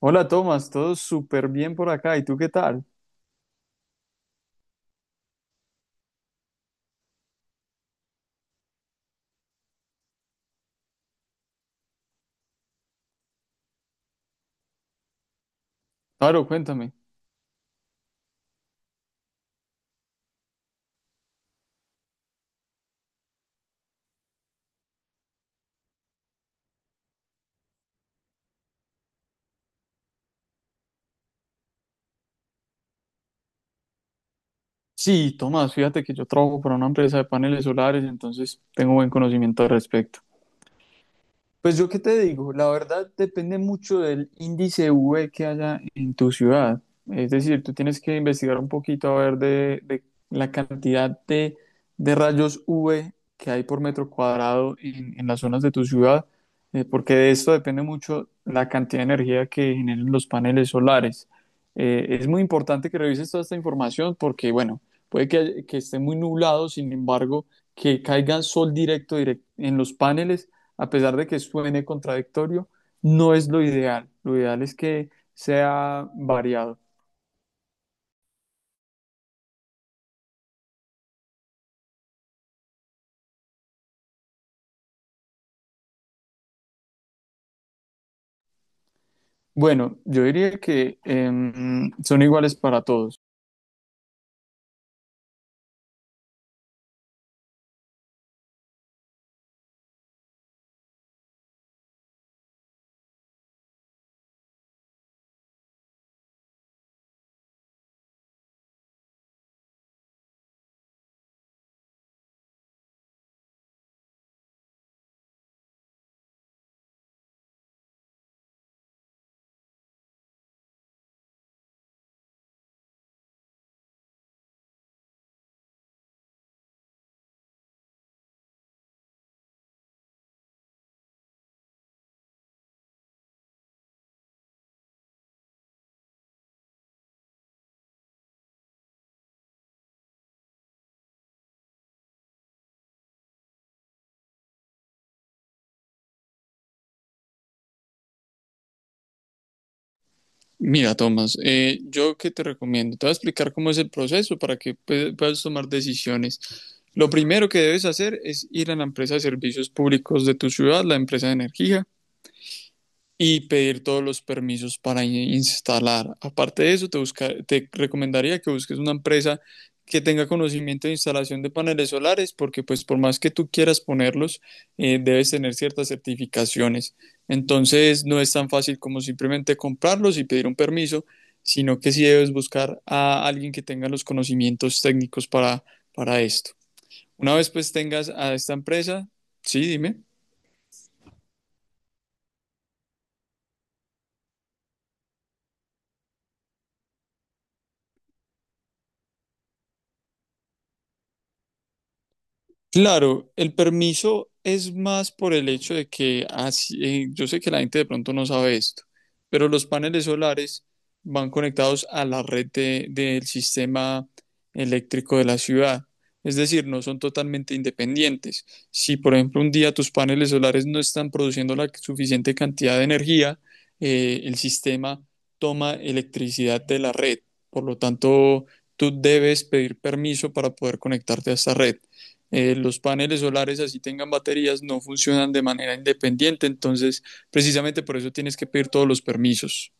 Hola Tomás, todo súper bien por acá. ¿Y tú qué tal? Claro, cuéntame. Sí, Tomás, fíjate que yo trabajo para una empresa de paneles solares, entonces tengo buen conocimiento al respecto. Pues yo qué te digo, la verdad depende mucho del índice V que haya en tu ciudad. Es decir, tú tienes que investigar un poquito a ver de la cantidad de rayos V que hay por metro cuadrado en las zonas de tu ciudad, porque de esto depende mucho la cantidad de energía que generen los paneles solares. Es muy importante que revises toda esta información porque, bueno, puede que esté muy nublado, sin embargo, que caiga sol directo en los paneles, a pesar de que suene contradictorio, no es lo ideal. Lo ideal es que sea variado. Bueno, yo diría que son iguales para todos. Mira, Tomás, yo qué te recomiendo. Te voy a explicar cómo es el proceso para que puedas tomar decisiones. Lo primero que debes hacer es ir a la empresa de servicios públicos de tu ciudad, la empresa de energía, y pedir todos los permisos para instalar. Aparte de eso, te recomendaría que busques una empresa que tenga conocimiento de instalación de paneles solares, porque pues por más que tú quieras ponerlos, debes tener ciertas certificaciones. Entonces, no es tan fácil como simplemente comprarlos y pedir un permiso, sino que sí debes buscar a alguien que tenga los conocimientos técnicos para esto. Una vez pues tengas a esta empresa, sí, dime. Claro, el permiso es más por el hecho de que así, yo sé que la gente de pronto no sabe esto, pero los paneles solares van conectados a la red del sistema eléctrico de la ciudad. Es decir, no son totalmente independientes. Si, por ejemplo, un día tus paneles solares no están produciendo la suficiente cantidad de energía, el sistema toma electricidad de la red. Por lo tanto, tú debes pedir permiso para poder conectarte a esta red. Los paneles solares, así tengan baterías, no funcionan de manera independiente. Entonces, precisamente por eso tienes que pedir todos los permisos.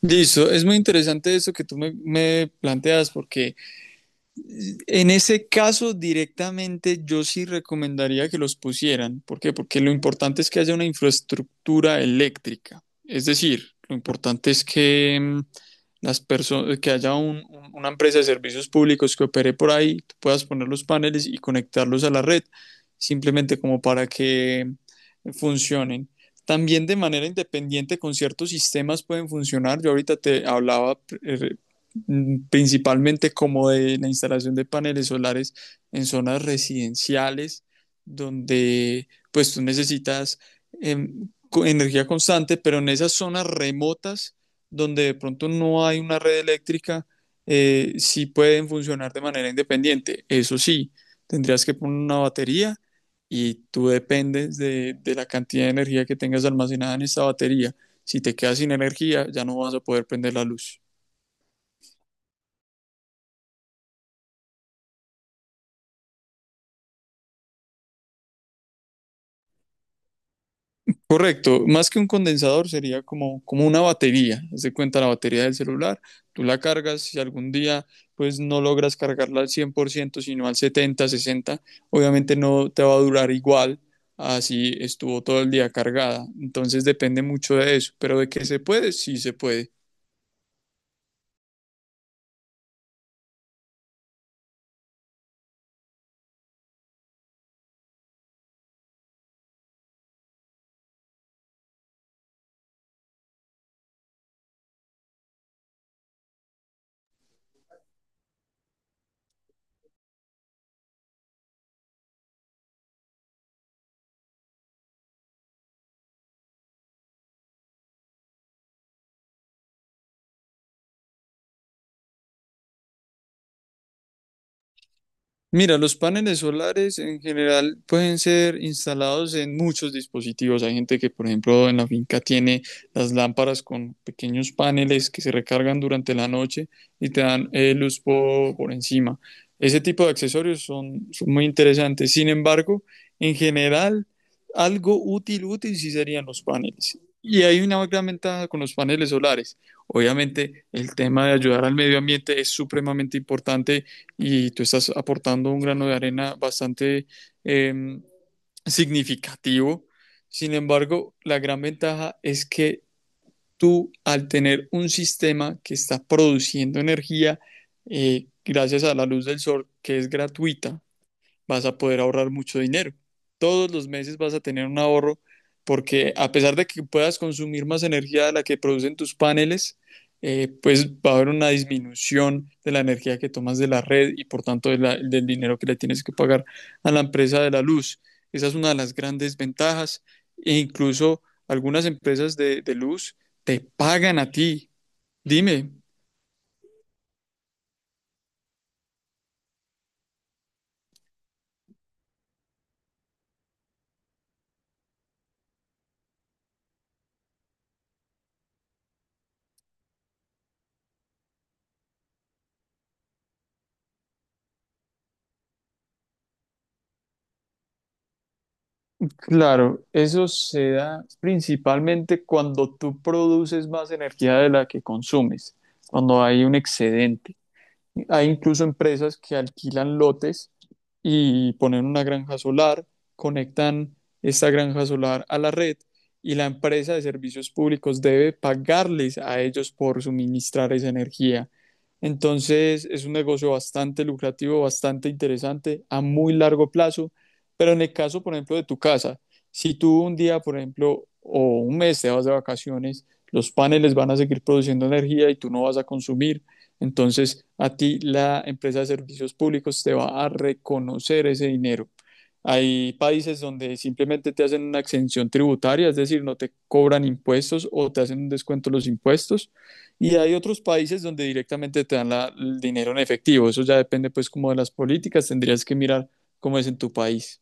Listo, es muy interesante eso que tú me planteas porque, en ese caso, directamente yo sí recomendaría que los pusieran. ¿Por qué? Porque lo importante es que haya una infraestructura eléctrica. Es decir, lo importante es que, mm, las personas, que haya una empresa de servicios públicos que opere por ahí, tú puedas poner los paneles y conectarlos a la red, simplemente como para que, mm, funcionen. También de manera independiente con ciertos sistemas pueden funcionar. Yo ahorita te hablaba, principalmente como de la instalación de paneles solares en zonas residenciales donde pues tú necesitas eh, energía constante, pero en esas zonas remotas donde de pronto no hay una red eléctrica, sí pueden funcionar de manera independiente. Eso sí, tendrías que poner una batería y tú dependes de la cantidad de energía que tengas almacenada en esa batería. Si te quedas sin energía, ya no vas a poder prender la luz. Correcto, más que un condensador sería como, como una batería. Haz de cuenta la batería del celular, tú la cargas, si algún día pues no logras cargarla al 100%, sino al 70, 60, obviamente no te va a durar igual así estuvo todo el día cargada. Entonces depende mucho de eso, pero de que se puede, sí se puede. Mira, los paneles solares en general pueden ser instalados en muchos dispositivos. Hay gente que, por ejemplo, en la finca tiene las lámparas con pequeños paneles que se recargan durante la noche y te dan luz por encima. Ese tipo de accesorios son muy interesantes. Sin embargo, en general, algo útil sí serían los paneles. Y hay una gran ventaja con los paneles solares. Obviamente, el tema de ayudar al medio ambiente es supremamente importante y tú estás aportando un grano de arena bastante, em, significativo. Sin embargo, la gran ventaja es que tú, al tener un sistema que está produciendo energía gracias a la luz del sol, que es gratuita, vas a poder ahorrar mucho dinero. Todos los meses vas a tener un ahorro porque, a pesar de que puedas consumir más energía de la que producen tus paneles, pues va a haber una disminución de la energía que tomas de la red y, por tanto, del dinero que le tienes que pagar a la empresa de la luz. Esa es una de las grandes ventajas, e incluso algunas empresas de luz te pagan a ti. Dime. Claro, eso se da principalmente cuando tú produces más energía de la que consumes, cuando hay un excedente. Hay incluso empresas que alquilan lotes y ponen una granja solar, conectan esta granja solar a la red y la empresa de servicios públicos debe pagarles a ellos por suministrar esa energía. Entonces es un negocio bastante lucrativo, bastante interesante a muy largo plazo, pero en el caso, por ejemplo, de tu casa, si tú un día, por ejemplo, o un mes te vas de vacaciones, los paneles van a seguir produciendo energía y tú no vas a consumir. Entonces, a ti la empresa de servicios públicos te va a reconocer ese dinero. Hay países donde simplemente te hacen una exención tributaria, es decir, no te cobran impuestos o te hacen un descuento los impuestos. Y hay otros países donde directamente te dan el dinero en efectivo. Eso ya depende pues como de las políticas, tendrías que mirar cómo es en tu país.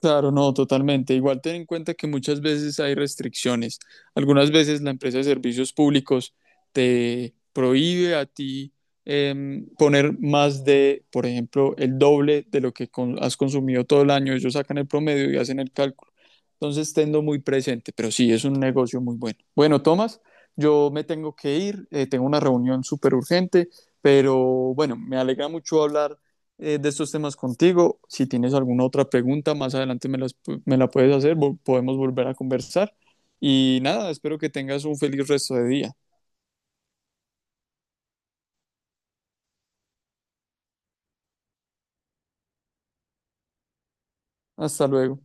Claro, no, totalmente. Igual ten en cuenta que muchas veces hay restricciones. Algunas veces la empresa de servicios públicos te prohíbe a ti, poner más de, por ejemplo, el doble de lo que has consumido todo el año. Ellos sacan el promedio y hacen el cálculo. Entonces, tenlo muy presente, pero sí, es un negocio muy bueno. Bueno, Tomás, yo me tengo que ir, tengo una reunión súper urgente, pero bueno, me alegra mucho hablar de estos temas contigo. Si tienes alguna otra pregunta, más adelante me la puedes hacer, podemos volver a conversar. Y nada, espero que tengas un feliz resto de día. Hasta luego.